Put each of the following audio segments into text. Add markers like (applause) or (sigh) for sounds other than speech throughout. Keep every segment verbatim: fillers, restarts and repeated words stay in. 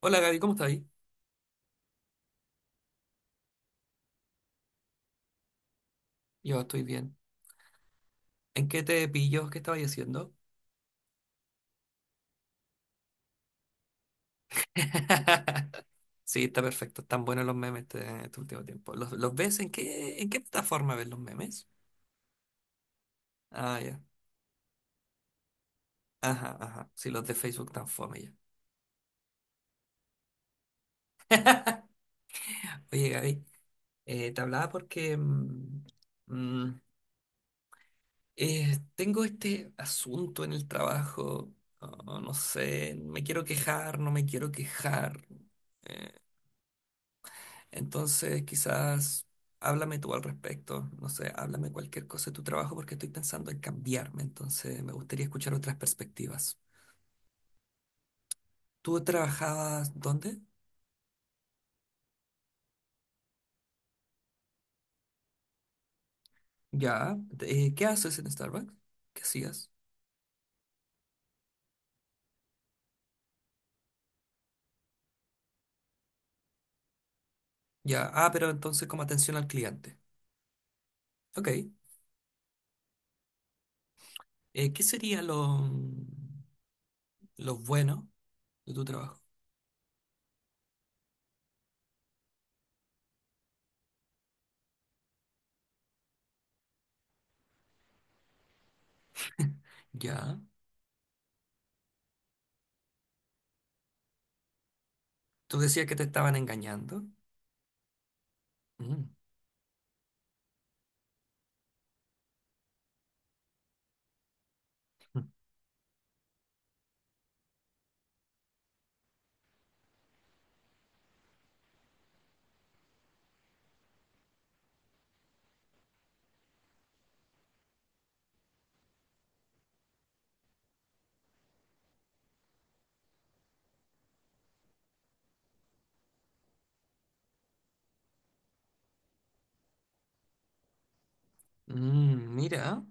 Hola Gaby, ¿cómo estás? Yo estoy bien. ¿En qué te pillo? ¿Qué estaba diciendo? (laughs) Sí, está perfecto. Están buenos los memes este, este último tiempo. ¿Los, los ves en qué, en qué plataforma ves los memes? Ah, ya. Ajá, ajá. Sí, los de Facebook tan fome ya. Oye, Gaby, eh, te hablaba porque mm, mm, eh, tengo este asunto en el trabajo. Oh, no sé, me quiero quejar, no me quiero quejar. Eh, Entonces, quizás háblame tú al respecto, no sé, háblame cualquier cosa de tu trabajo porque estoy pensando en cambiarme, entonces me gustaría escuchar otras perspectivas. ¿Tú trabajabas dónde? Ya, eh, ¿qué haces en Starbucks? ¿Qué hacías? Ya, ah, pero entonces como atención al cliente. Ok, eh, ¿qué sería lo, lo bueno de tu trabajo? Ya, tú decías que te estaban engañando. Mm, mm, Mira.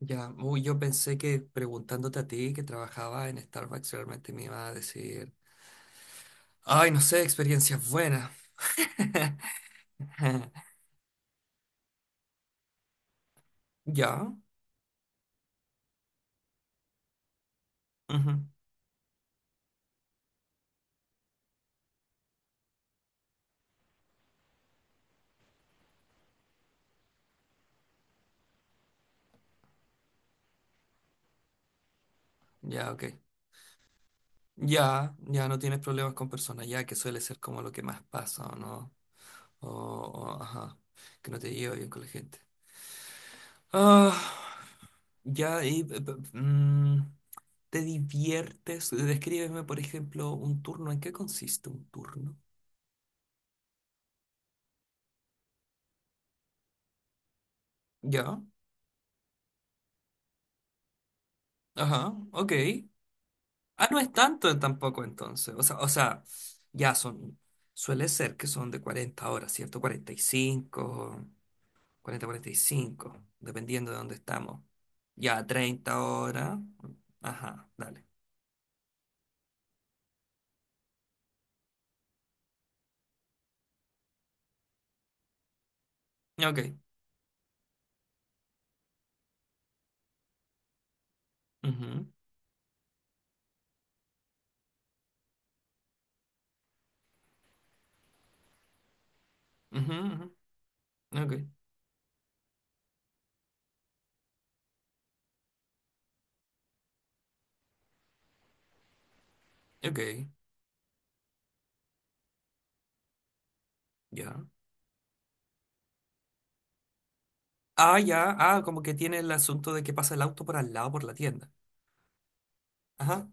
Ya, uy, yo pensé que preguntándote a ti que trabajaba en Starbucks realmente me iba a decir, ay, no sé, experiencias buenas. (laughs) Ya, ujú, ya, ok. Ya, ya no tienes problemas con personas, ya que suele ser como lo que más pasa, ¿o no? O, o, ajá, que no te llevo bien con la gente. Ah, ya, y, eh, p- p- mm, ¿te diviertes? Descríbeme, por ejemplo, un turno. ¿En qué consiste un turno? Ya, ajá, ok. Ah, no es tanto tampoco entonces. O sea, o sea, ya son, suele ser que son de cuarenta horas, ¿cierto? Cuarenta cuarenta y cinco, cuarenta cuarenta y cinco, dependiendo de dónde estamos. Ya treinta horas. Ajá, dale. Ok. Ujú, ujú, ujú. Ok, ok, ya. Ah, ya, ah, como que tiene el asunto de que pasa el auto por al lado por la tienda. Ajá.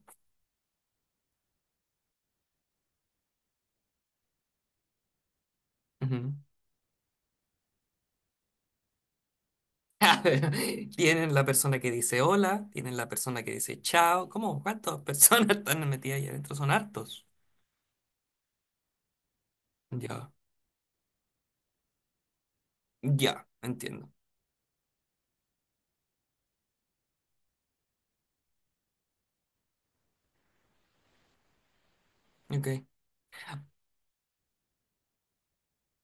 (laughs) Tienen la persona que dice hola, tienen la persona que dice chao. ¿Cómo? ¿Cuántas personas (laughs) están metidas ahí adentro? Son hartos. Ya, ya, entiendo. Ok,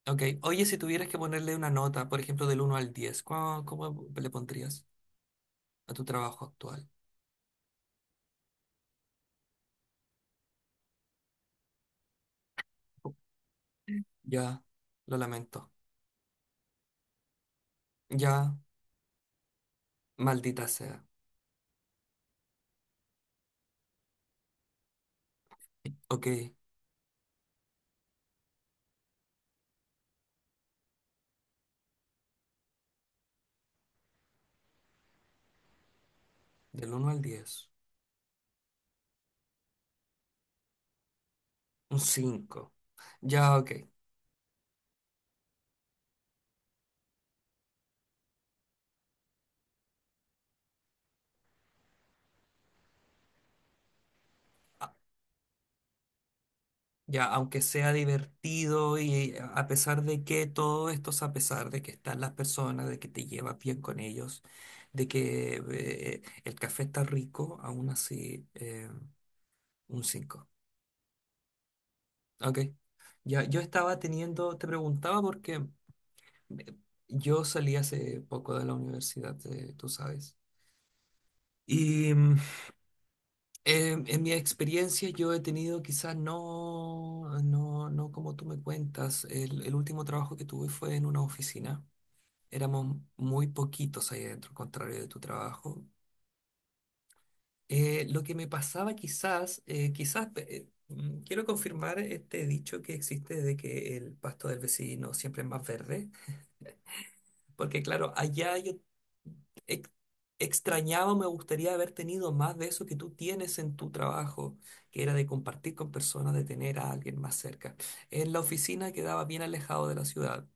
ok. Oye, si tuvieras que ponerle una nota, por ejemplo, del uno al diez, ¿cómo, cómo le pondrías a tu trabajo actual? Ya, lo lamento. Ya, maldita sea. Ok, del uno al diez, un cinco. Ya, ok. Ya, aunque sea divertido y a pesar de que todo esto es a pesar de que están las personas, de que te llevas bien con ellos, de que eh, el café está rico, aún así eh, un cinco. Ok. Ya, yo estaba teniendo, te preguntaba porque eh, yo salí hace poco de la universidad, eh, tú sabes. Y mm, En, en mi experiencia yo he tenido quizás no, no, no como tú me cuentas. El, el último trabajo que tuve fue en una oficina. Éramos muy poquitos ahí adentro, al contrario de tu trabajo. Eh, lo que me pasaba quizás, eh, quizás eh, mm, quiero confirmar este dicho que existe de que el pasto del vecino siempre es más verde, porque claro, allá yo ex- extrañaba, me gustaría haber tenido más de eso que tú tienes en tu trabajo, que era de compartir con personas, de tener a alguien más cerca. En la oficina quedaba bien alejado de la ciudad.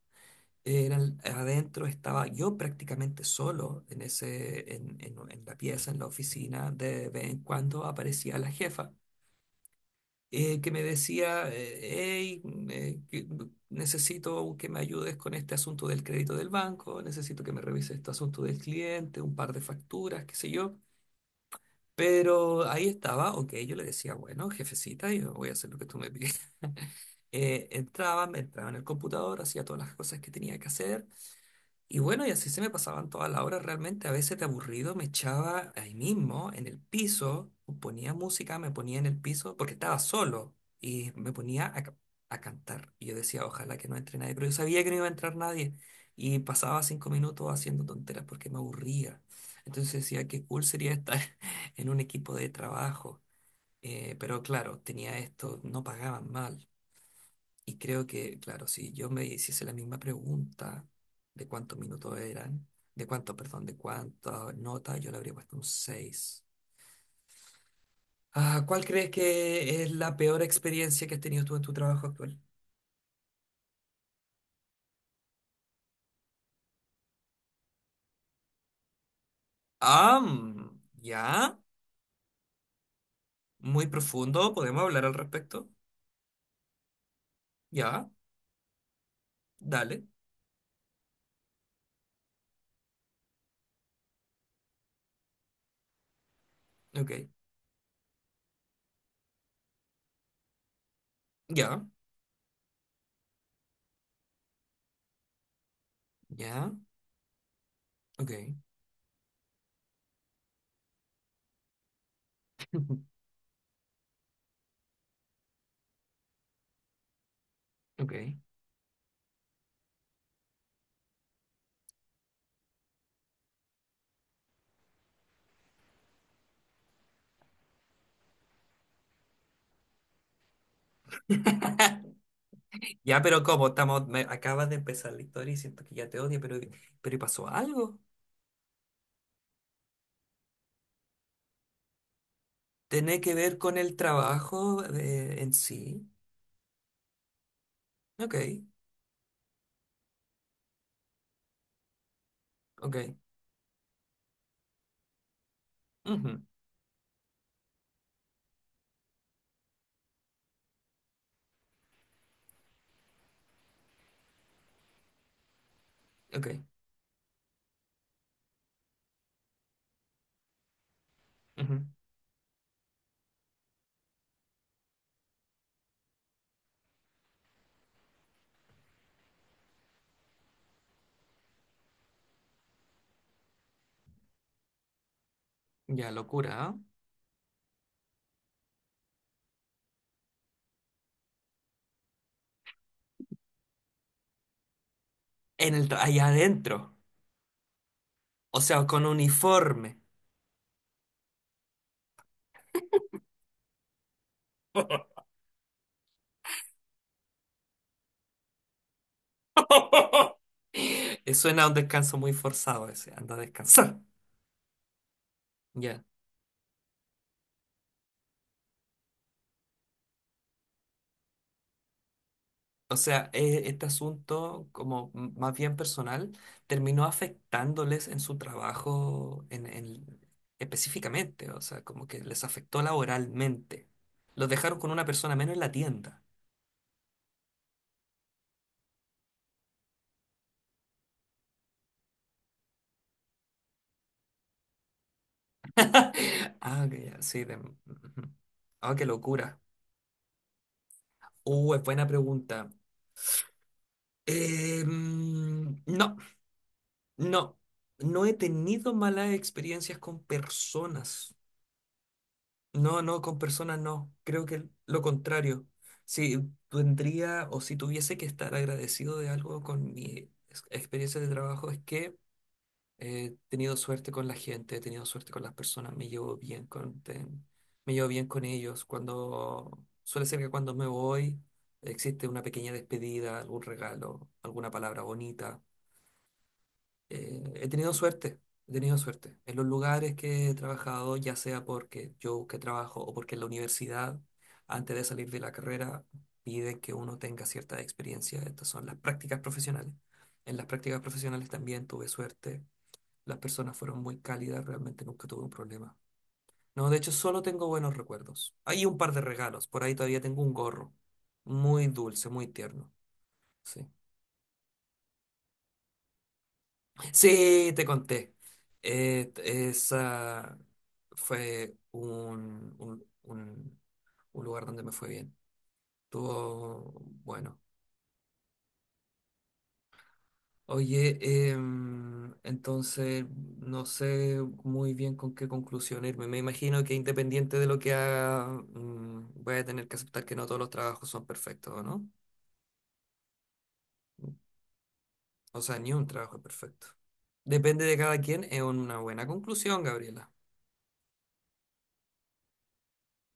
Era, adentro estaba yo prácticamente solo en ese, en, en en la pieza, en la oficina. De vez en cuando aparecía la jefa eh, que me decía, hey, necesito que me ayudes con este asunto del crédito del banco, necesito que me revise este asunto del cliente, un par de facturas, qué sé yo. Pero ahí estaba, ok, yo le decía, bueno, jefecita, yo voy a hacer lo que tú me pides. (laughs) Eh, entraba, me entraba en el computador, hacía todas las cosas que tenía que hacer y bueno, y así se me pasaban todas las horas realmente. A veces de aburrido me echaba ahí mismo, en el piso, ponía música, me ponía en el piso, porque estaba solo, y me ponía a, ca- a cantar. Y yo decía, ojalá que no entre nadie, pero yo sabía que no iba a entrar nadie. Y pasaba cinco minutos haciendo tonteras porque me aburría. Entonces decía, qué cool sería estar (laughs) en un equipo de trabajo. Eh, pero claro, tenía esto, no pagaban mal. Y creo que, claro, si yo me hiciese la misma pregunta de cuántos minutos eran, de cuánto, perdón, de cuántas notas, yo le habría puesto un seis. Ah, ¿cuál crees que es la peor experiencia que has tenido tú en tu trabajo actual? Ah, mm, ya, muy profundo, podemos hablar al respecto. Ya, dale, ok, ya, ya, ok, (laughs) ok. Ya, pero ¿cómo estamos? Me acabas de empezar la historia y siento que ya te odio, pero, pero ¿y pasó algo? Tiene que ver con el trabajo eh, en sí. Ok, ok. Ujú, ok. Ujú. Ya, locura. ¿Ah? En el tra- allá adentro. O sea, con uniforme. (laughs) Suena a un descanso muy forzado ese. Anda a descansar. Ya. O sea, e- este asunto, como m- más bien personal, terminó afectándoles en su trabajo en, en- específicamente, o sea, como que les afectó laboralmente. Los dejaron con una persona menos en la tienda. (laughs) Ah, ok, ya, sí. De- ujú. Ah, qué locura. Uh, es buena pregunta. Eh, mm, no, no. No he tenido malas experiencias con personas. No, no, con personas no. Creo que lo contrario. Si tendría o si tuviese que estar agradecido de algo con mi ex- experiencia de trabajo es que he tenido suerte con la gente, he tenido suerte con las personas, me llevo bien con, ten- me llevo bien con ellos. Cuando suele ser que cuando me voy existe una pequeña despedida, algún regalo, alguna palabra bonita eh, he tenido suerte, he tenido suerte. En los lugares que he trabajado, ya sea porque yo busqué trabajo o porque en la universidad, antes de salir de la carrera, piden que uno tenga cierta experiencia. Estas son las prácticas profesionales. En las prácticas profesionales también tuve suerte. Las personas fueron muy cálidas, realmente nunca tuve un problema. No, de hecho, solo tengo buenos recuerdos. Hay un par de regalos, por ahí todavía tengo un gorro. Muy dulce, muy tierno. Sí. Sí, te conté. Eh, t- esa fue un, un, un- un lugar donde me fue bien. Estuvo bueno. Oye, em, entonces no sé muy bien con qué conclusión irme. Me imagino que independiente de lo que haga, mm, voy a tener que aceptar que no todos los trabajos son perfectos, ¿o no? O sea, ni un trabajo es perfecto. Depende de cada quien, es una buena conclusión, Gabriela.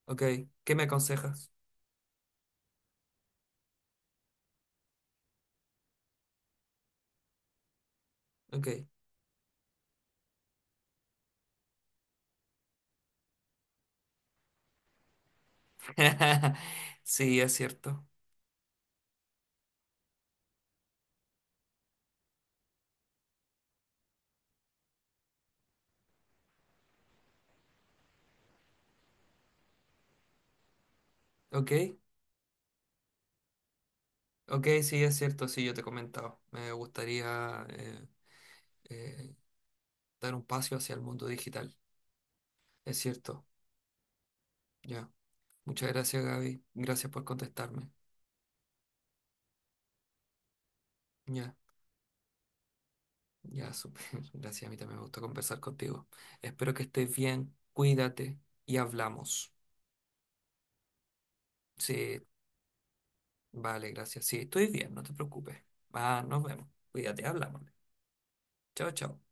Ok, ¿qué me aconsejas? Ok. (laughs) Sí, es cierto. Ok, ok, sí, es cierto. Sí, yo te he comentado. Me gustaría eh, eh, dar un paso hacia el mundo digital. Es cierto. Ya. Muchas gracias, Gaby. Gracias por contestarme. Ya, ya, súper. (laughs) Gracias. A mí también me gusta conversar contigo. Espero que estés bien. Cuídate y hablamos. Sí, vale, gracias. Sí, estoy bien, no te preocupes. Ah, nos vemos. Cuídate, hablamos. Chao, chao.